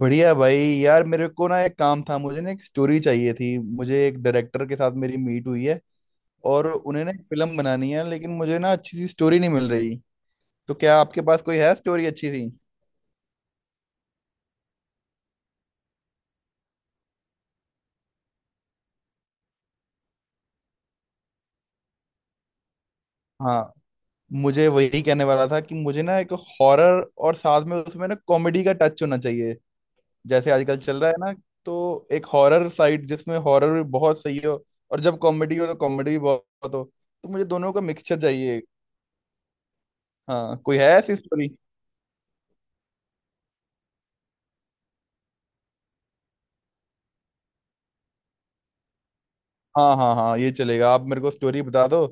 बढ़िया भाई, यार मेरे को ना एक काम था। मुझे ना एक स्टोरी चाहिए थी। मुझे एक डायरेक्टर के साथ मेरी मीट हुई है, और उन्हें ना एक फिल्म बनानी है, लेकिन मुझे ना अच्छी सी स्टोरी नहीं मिल रही। तो क्या आपके पास कोई है स्टोरी अच्छी सी? हाँ, मुझे वही कहने वाला था कि मुझे ना एक हॉरर और साथ में उसमें ना कॉमेडी का टच होना चाहिए। जैसे आजकल चल रहा है ना। तो एक हॉरर साइड जिसमें हॉरर भी बहुत सही हो, और जब कॉमेडी हो तो कॉमेडी भी बहुत हो। तो मुझे दोनों का मिक्सचर चाहिए। हाँ, कोई है ऐसी स्टोरी? हाँ हाँ हाँ, ये चलेगा। आप मेरे को स्टोरी बता दो।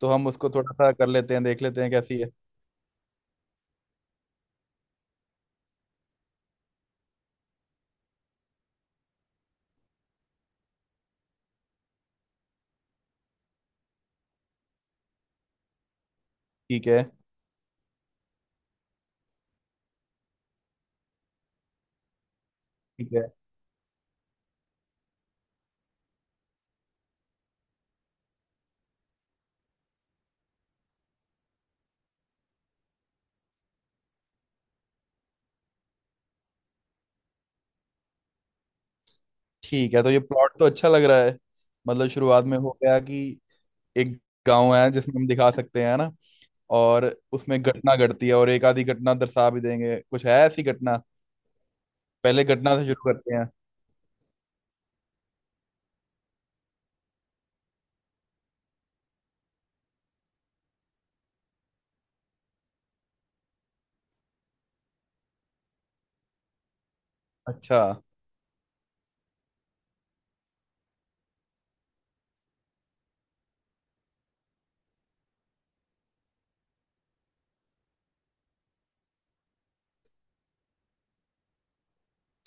तो हम उसको थोड़ा सा कर लेते हैं, देख लेते हैं कैसी है। ठीक है। ठीक है। ठीक है, तो ये प्लॉट तो अच्छा लग रहा है। मतलब शुरुआत में हो गया कि एक गांव है जिसमें हम दिखा सकते हैं ना। और उसमें घटना घटती है, और एक आधी घटना दर्शा भी देंगे, कुछ है ऐसी घटना। पहले घटना से शुरू करते हैं। अच्छा।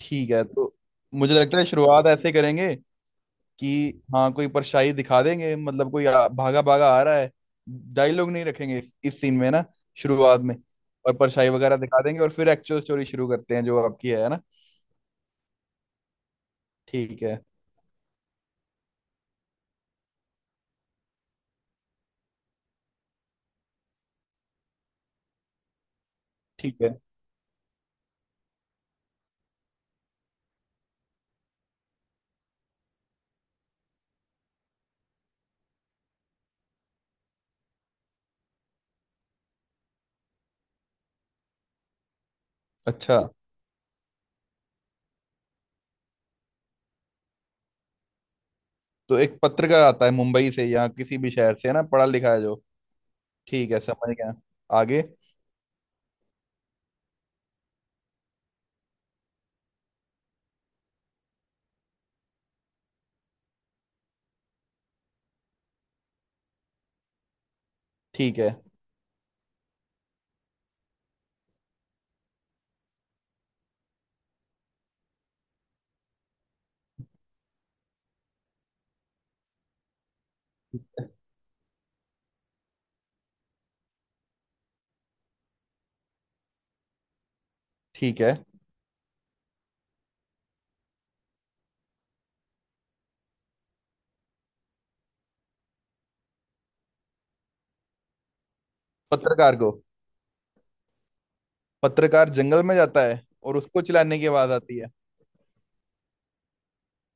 ठीक है, तो मुझे लगता है शुरुआत ऐसे करेंगे कि हाँ कोई परछाई दिखा देंगे, मतलब कोई भागा भागा आ रहा है। डायलॉग नहीं रखेंगे इस सीन में ना, शुरुआत में। और परछाई वगैरह दिखा देंगे, और फिर एक्चुअल स्टोरी शुरू करते हैं जो आपकी है ना। ठीक है। ठीक है। अच्छा, तो एक पत्रकार आता है मुंबई से या किसी भी शहर से, है ना, पढ़ा लिखा है जो। ठीक है, समझ गया। आगे। ठीक है। ठीक है। पत्रकार को पत्रकार जंगल में जाता है और उसको चिल्लाने की आवाज आती है।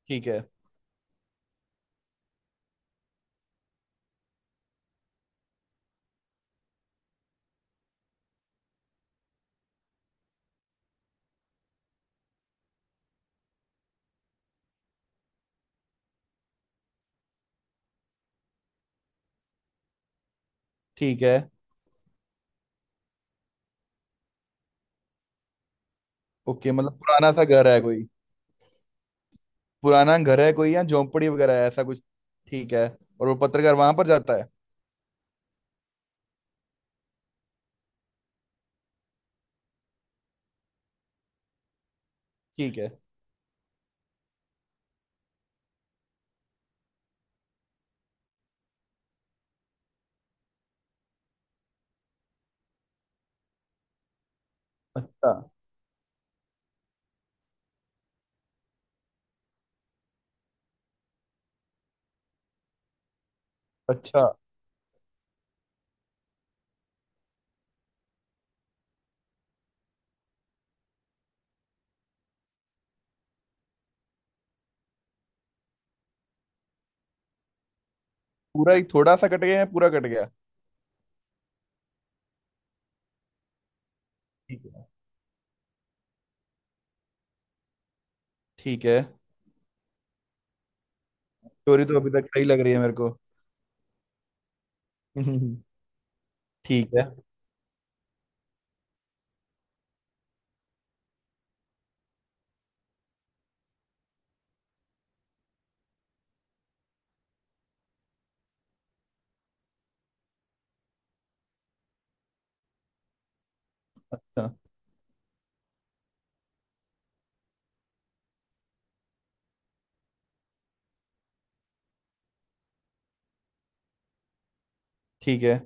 ठीक है। ठीक है। ओके, मतलब पुराना सा घर है कोई। पुराना घर है कोई, या झोंपड़ी वगैरह है ऐसा कुछ? ठीक है। और वो पत्रकार वहां पर जाता है। ठीक है। अच्छा। अच्छा। पूरा ही थोड़ा सा कट गया, या पूरा कट गया? ठीक है। ठीक है। स्टोरी तो अभी तक सही लग रही है मेरे को। ठीक है। अच्छा। ठीक है।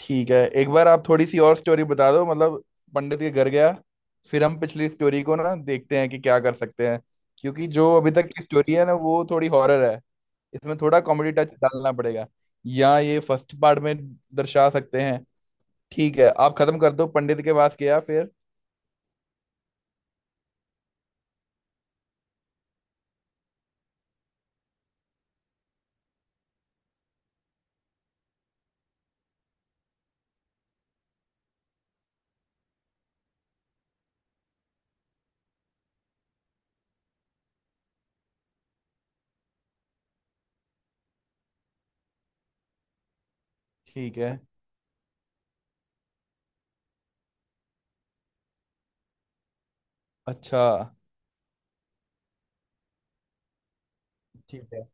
ठीक है, एक बार आप थोड़ी सी और स्टोरी बता दो, मतलब पंडित के घर गया फिर। हम पिछली स्टोरी को ना देखते हैं कि क्या कर सकते हैं। क्योंकि जो अभी तक की स्टोरी है ना, वो थोड़ी हॉरर है। इसमें थोड़ा कॉमेडी टच डालना पड़ेगा। या ये फर्स्ट पार्ट में दर्शा सकते हैं। ठीक है, आप खत्म कर दो, पंडित के पास गया फिर। ठीक है। अच्छा। ठीक है।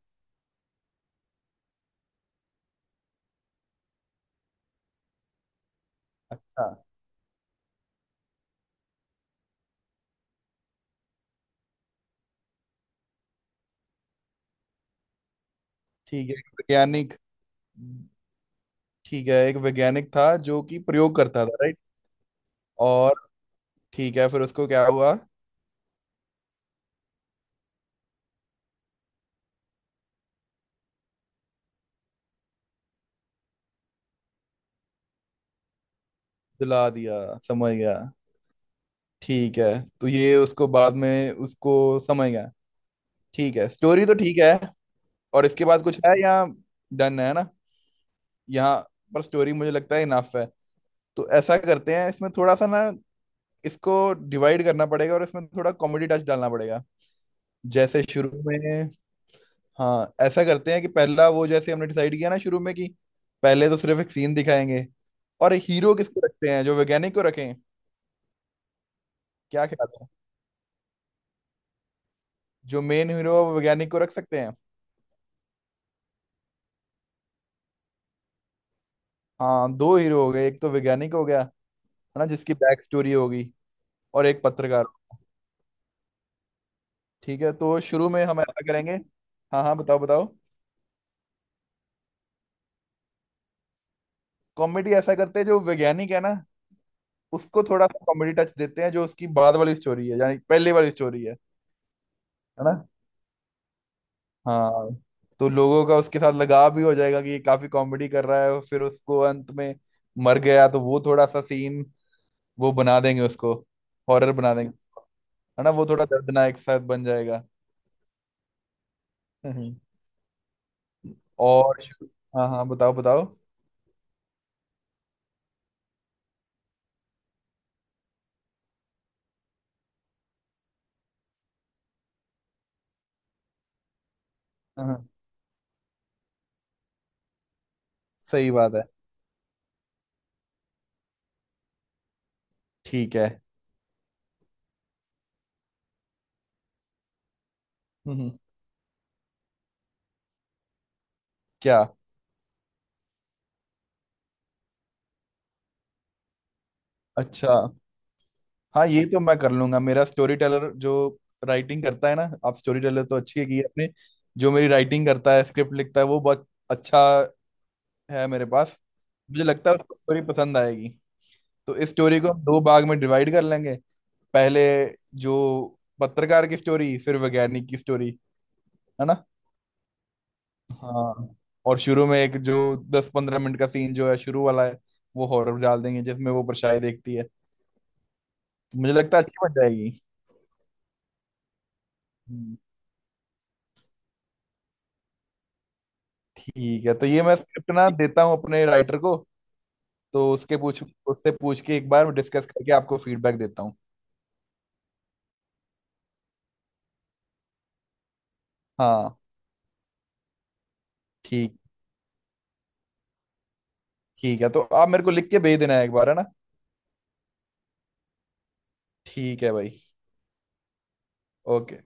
अच्छा। ठीक है, एक वैज्ञानिक। ठीक है, एक वैज्ञानिक था जो कि प्रयोग करता था, राइट। और ठीक है, फिर उसको क्या हुआ? जला दिया, समझ गया। ठीक है। तो ये उसको बाद में उसको समझ गया। ठीक है, स्टोरी तो ठीक है। और इसके बाद कुछ है, या डन है ना यहाँ पर? स्टोरी मुझे लगता है इनफ है। तो ऐसा करते हैं, इसमें थोड़ा सा ना इसको डिवाइड करना पड़ेगा, और इसमें थोड़ा कॉमेडी टच डालना पड़ेगा। जैसे शुरू में, हाँ ऐसा करते हैं कि पहला वो जैसे हमने डिसाइड किया ना, शुरू में कि पहले तो सिर्फ एक सीन दिखाएंगे। और हीरो किसको रखते हैं? जो वैज्ञानिक को रखें, क्या ख्याल है? जो मेन हीरो है वो वैज्ञानिक को रख सकते हैं। हाँ, दो हीरो हो गए, एक तो वैज्ञानिक हो गया है ना, जिसकी बैक स्टोरी होगी, और एक पत्रकार। ठीक है, तो शुरू में हम ऐसा करेंगे। हाँ हाँ, बताओ बताओ। कॉमेडी ऐसा करते हैं, जो वैज्ञानिक है ना उसको थोड़ा सा कॉमेडी टच देते हैं, जो उसकी बाद वाली स्टोरी है यानी पहले वाली स्टोरी है। है ना? हाँ। तो लोगों का उसके साथ लगाव भी हो जाएगा कि ये काफी कॉमेडी कर रहा है, और फिर उसको अंत में मर गया तो वो थोड़ा सा सीन वो बना देंगे, उसको हॉरर बना देंगे, है ना, वो थोड़ा दर्दनाक साथ बन जाएगा। हम्म। और शु- हाँ हाँ, बताओ बताओ। हाँ, सही बात है। ठीक है। हम्म। क्या? अच्छा। हाँ, ये तो मैं कर लूंगा। मेरा स्टोरी टेलर जो राइटिंग करता है ना, आप स्टोरी टेलर तो अच्छी है की आपने, जो मेरी राइटिंग करता है, स्क्रिप्ट लिखता है, वो बहुत अच्छा है मेरे पास। मुझे लगता है उसको स्टोरी पसंद आएगी। तो इस स्टोरी को हम दो भाग में डिवाइड कर लेंगे, पहले जो पत्रकार की स्टोरी, फिर वैज्ञानिक की स्टोरी, है ना? हाँ। और शुरू में एक जो 10-15 मिनट का सीन जो है शुरू वाला है, वो हॉरर डाल देंगे जिसमें वो परछाई देखती है। तो मुझे लगता है अच्छी बन जाएगी। हम्म, ठीक है, तो ये मैं स्क्रिप्ट ना देता हूँ अपने राइटर को। तो उसके पूछ उससे पूछ के एक बार डिस्कस करके आपको फीडबैक देता हूँ। हाँ, ठीक। ठीक है, तो आप मेरे को लिख के भेज देना है, एक बार, है ना? ठीक है भाई। ओके।